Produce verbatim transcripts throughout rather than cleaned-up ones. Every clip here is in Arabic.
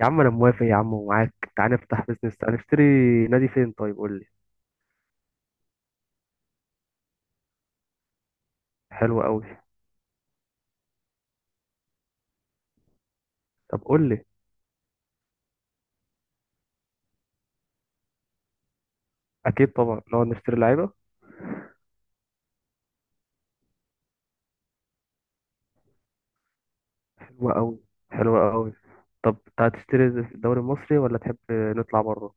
يا عم، انا موافق يا عم ومعاك. تعال نفتح بيزنس، تعال نشتري. نادي فين؟ طيب قول لي. حلو قوي. طب قول لي. اكيد طبعا، نقعد نشتري لعيبه. حلوه قوي. حلوه قوي. طب تعال تشتري في الدوري المصري ولا تحب نطلع بره؟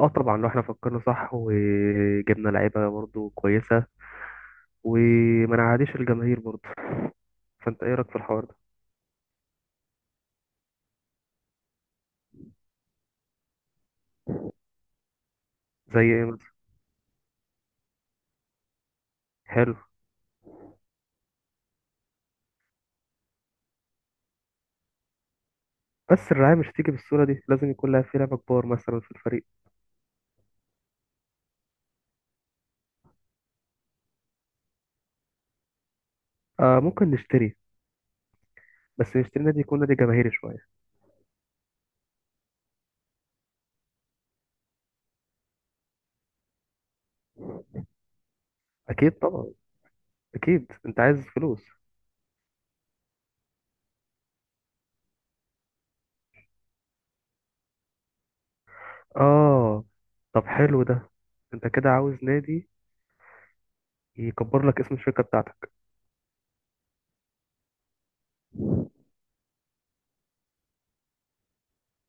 اه طبعا، لو احنا فكرنا صح وجبنا لعيبه برضو كويسه، وما نعاديش الجماهير برضو. فانت ايه رايك في الحوار ده؟ زي ايه مثلا؟ حلو. بس الرعايه مش تيجي بالصوره دي، لازم يكون لها في لعبه كبار مثلا في الفريق. آه، ممكن نشتري. بس نشتري نادي يكون نادي جماهيري شويه. اكيد طبعا. اكيد انت عايز فلوس. اه. طب حلو ده. انت كده عاوز نادي يكبر لك اسم الشركة بتاعتك.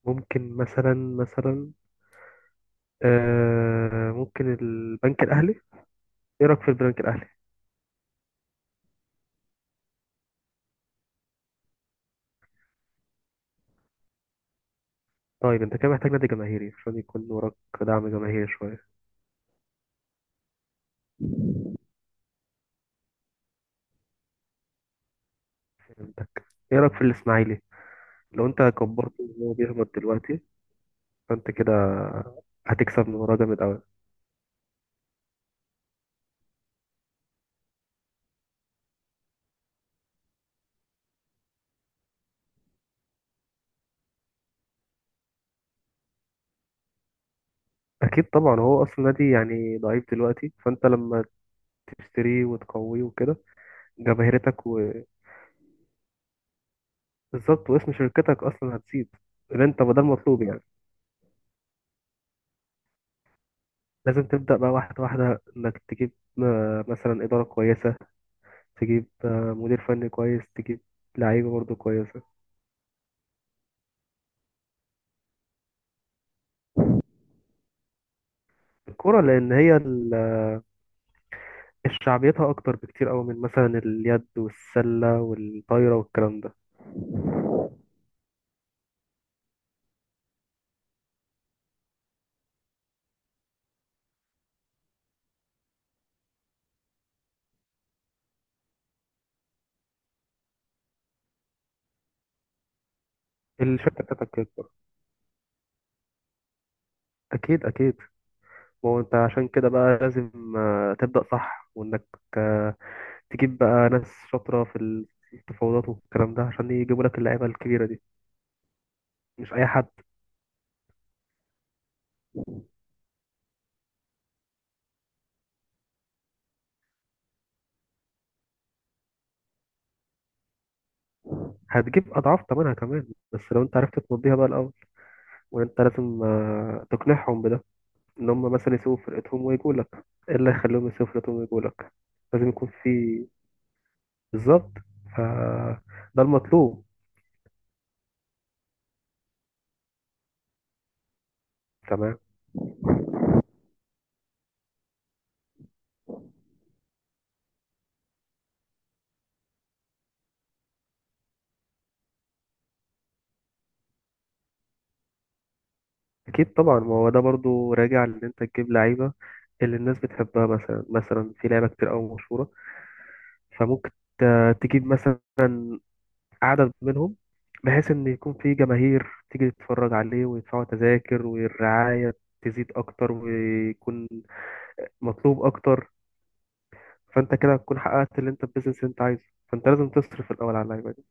ممكن مثلا مثلا. آه، ممكن البنك الاهلي. ايه رايك في البنك الاهلي؟ طيب انت كده محتاج نادي جماهيري عشان يكون وراك دعم جماهيري شويه. عندك. ايه رايك في الاسماعيلي؟ لو انت كبرته ان هو بيهبط دلوقتي، فانت كده هتكسب من وراه جامد قوي. اكيد طبعا. هو اصلا نادي يعني ضعيف دلوقتي، فانت لما تشتريه وتقويه وكده، جماهيرتك. بالظبط، واسم شركتك اصلا هتزيد. اللي انت ما ده المطلوب يعني. لازم تبدا بقى واحده واحده، انك تجيب آه، مثلا اداره كويسه، تجيب آه، مدير فني كويس، تجيب لعيبه برضه كويسه. الكوره، لان هي ال- شعبيتها اكتر بكتير قوي من مثلا اليد والسله والطايره والكلام ده. الشركه بتاعتك تكبر. اكيد اكيد. ما هو انت عشان كده بقى لازم آه، تبدا صح، وانك آه، تجيب بقى ناس شاطره في التفاوضات والكلام ده، عشان يجيبوا لك اللعيبه الكبيره دي، مش اي حد. هتجيب أضعاف تمنها كمان، بس لو أنت عرفت تمضيها بقى الأول. وأنت لازم آه، تقنعهم بده، إن هم مثلا يسيبوا فرقتهم ويجوا لك. إيه اللي يخليهم يسيبوا فرقتهم ويجوا لك؟ لازم يكون في. بالظبط. ف ده المطلوب. تمام. أكيد طبعا. ما هو ده برضو راجع لإن أنت تجيب لعيبة اللي الناس بتحبها، مثلا مثلا في لعيبة كتير أوي مشهورة. فممكن ت- تجيب مثلا عدد منهم، بحيث ان يكون في جماهير تيجي تتفرج عليه ويدفعوا تذاكر، والرعاية تزيد اكتر، ويكون مطلوب اكتر. فانت كده هتكون حققت اللي انت البيزنس اللي انت عايزه. فانت لازم تصرف الاول على اللعيبه دي.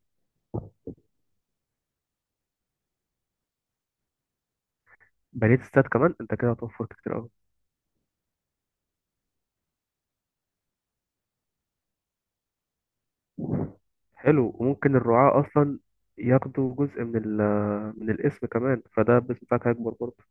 بنيت استاد كمان؟ انت كده هتوفر كتير قوي. حلو. وممكن الرعاة اصلا ياخدوا جزء من ال من الاسم كمان، فده البيزنس بتاعك هيكبر برضه.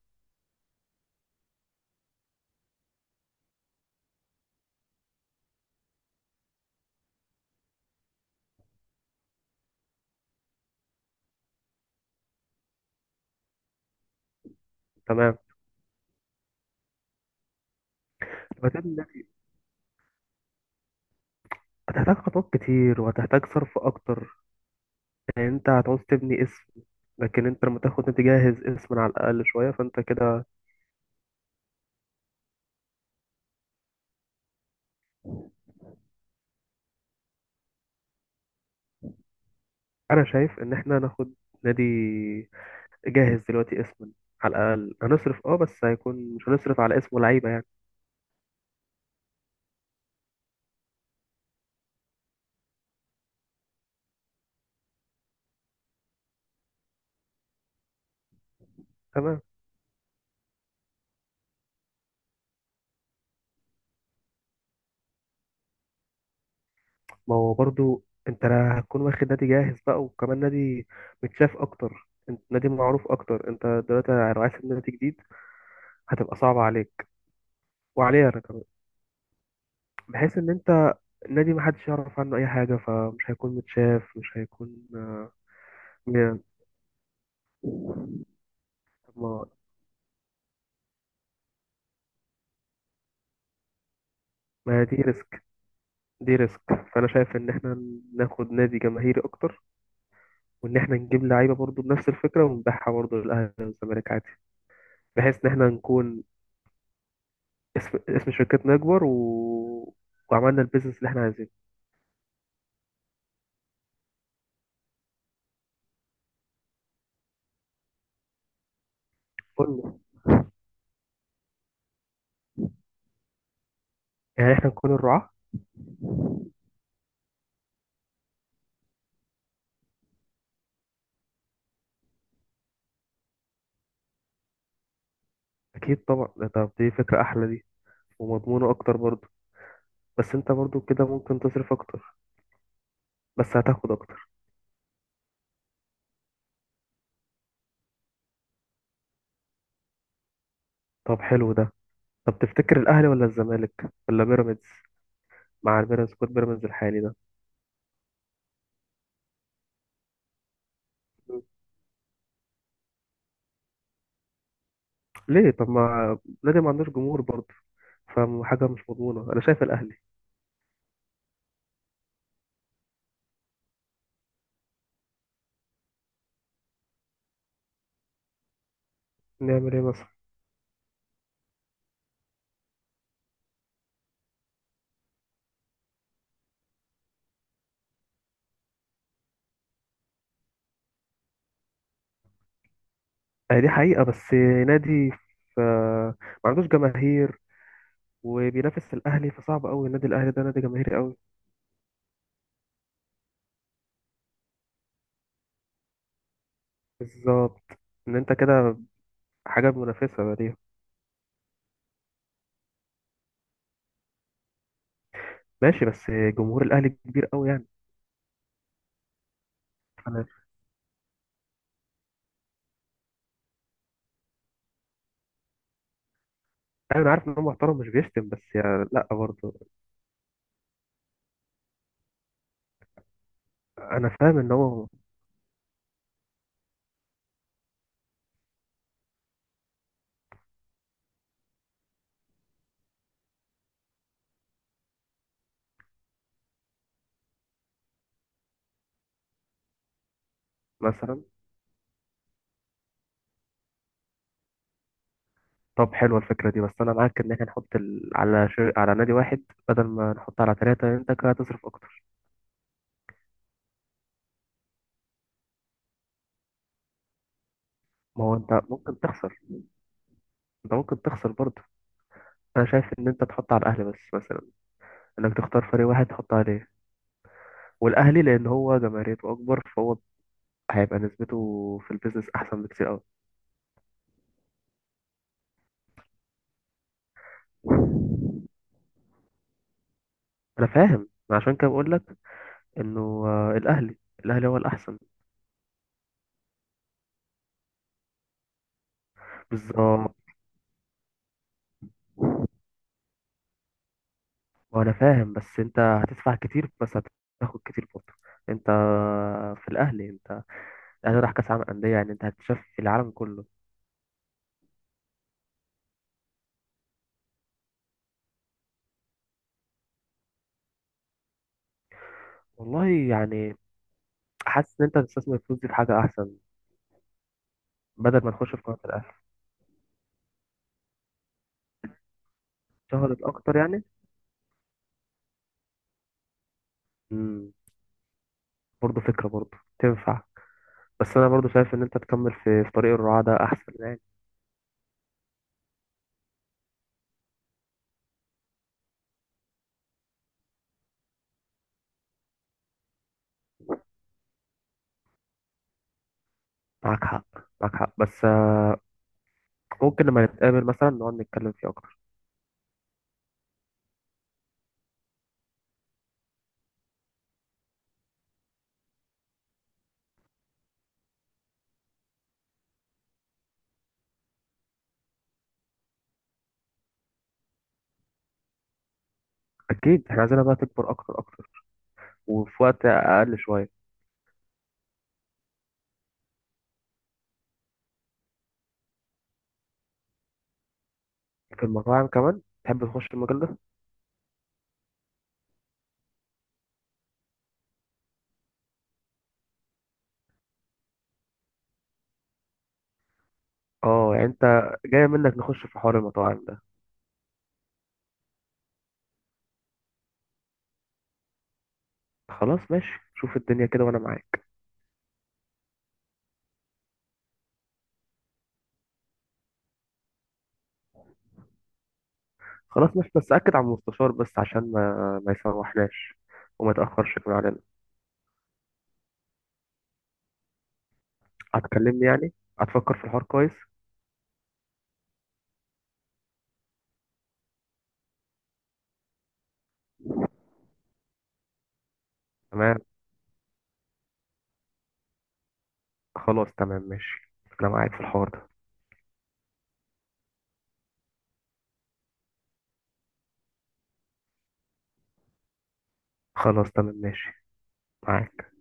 تمام. هتحتاج هتحتاج خطوات كتير، وهتحتاج صرف اكتر. يعني انت هتعوز تبني اسم. لكن انت لما تاخد نادي جاهز، اسم على الاقل شويه، فانت كده. انا شايف ان احنا ناخد نادي جاهز دلوقتي، اسما على الاقل. هنصرف اه بس هيكون، مش هنصرف على اسمه لعيبه يعني. تمام. ما هو برضو انت لا هتكون واخد نادي جاهز بقى، وكمان نادي متشاف اكتر، انت نادي معروف اكتر. انت دلوقتي لو عايز تبني نادي جديد، هتبقى صعبه عليك وعليا انا كمان، بحيث ان انت النادي محدش يعرف عنه اي حاجه، فمش هيكون متشاف، مش هيكون. آه، ما ما دي ريسك. دي ريسك. فانا شايف ان احنا ناخد نادي جماهيري اكتر، وان احنا نجيب لعيبه برضو بنفس الفكره ونبيعها برضو للاهلي والزمالك عادي، بحيث ان احنا نكون اسم اسم شركتنا يكبر و... وعملنا البيزنس اللي احنا عايزينه. قلنا يعني احنا نكون الرعاة. اكيد طبعا ده. طب دي فكره احلى دي، ومضمونه اكتر برضو. بس انت برضو كده ممكن تصرف اكتر، بس هتاخد اكتر. طب حلو ده. طب تفتكر الاهلي ولا الزمالك ولا بيراميدز؟ مع البيراميدز، كود بيراميدز الحالي ده. ليه؟ طب ما نادي ما عندوش جمهور برضه، فحاجة مش مضمونة. أنا شايف الأهلي. نعمل إيه مثلا؟ آه، دي حقيقة. بس نادي ف- ما عندوش جماهير، وبينافس الأهلي، فصعب أوي. النادي الأهلي ده نادي جماهيري أوي. بالظبط. إن أنت كده حاجة منافسة دي. ماشي بس جمهور الأهلي كبير أوي يعني. أنا أيوة، أنا عارف إن هو محترم، مش بيشتم، بس يعني لأ برضه. أنا فاهم إن هو. مثلا. طب حلوة الفكرة دي. بس أنا معاك إن إحنا نحط ال... على ش... على نادي واحد، بدل ما نحط على ثلاثة. أنت كده هتصرف أكتر. ما هو أنت ممكن تخسر. أنت ممكن تخسر برضه. أنا شايف إن أنت تحط على الأهلي بس مثلا، إنك تختار فريق واحد تحط عليه. والأهلي لأن هو جماهيريته أكبر، فهو هيبقى نسبته في البيزنس أحسن بكتير أوي. أنا فاهم. ما عشان كده بقول لك إنه آه، الأهلي الأهلي هو الأحسن. بالظبط. وأنا فاهم، بس أنت هتدفع كتير، بس هتاخد كتير برضه أنت في الأهلي. الاهلي راح كاس عالم انديه، يعني انت هتشوف في العالم كله. والله يعني حاسس ان انت تستثمر الفلوس دي في حاجه احسن، بدل ما تخش في قناه الاهلي. شهرت اكتر يعني. امم برضه فكره برضه تنفع. بس انا برضه شايف ان انت تكمل في في طريق الرعاة ده احسن يعني. معاك حق. معاك حق، بس آه، ممكن لما نتقابل مثلا نقعد نتكلم فيه اكتر. اكيد احنا عايزينها بقى تكبر اكتر اكتر، وفي وقت اقل شويه. في المطاعم كمان تحب تخش المجال ده؟ اه يعني انت جاية منك نخش في حوار المطاعم ده. خلاص ماشي. شوف الدنيا كده وانا معاك. خلاص ماشي، بس أكد على المستشار بس، عشان ما ما يسوحناش وما يتأخرش كمان علينا. هتكلمني يعني؟ هتفكر في الحوار كويس؟ تمام. خلاص تمام ماشي. أنا معاك في الحوار ده. خلاص تمام ماشي. معاك.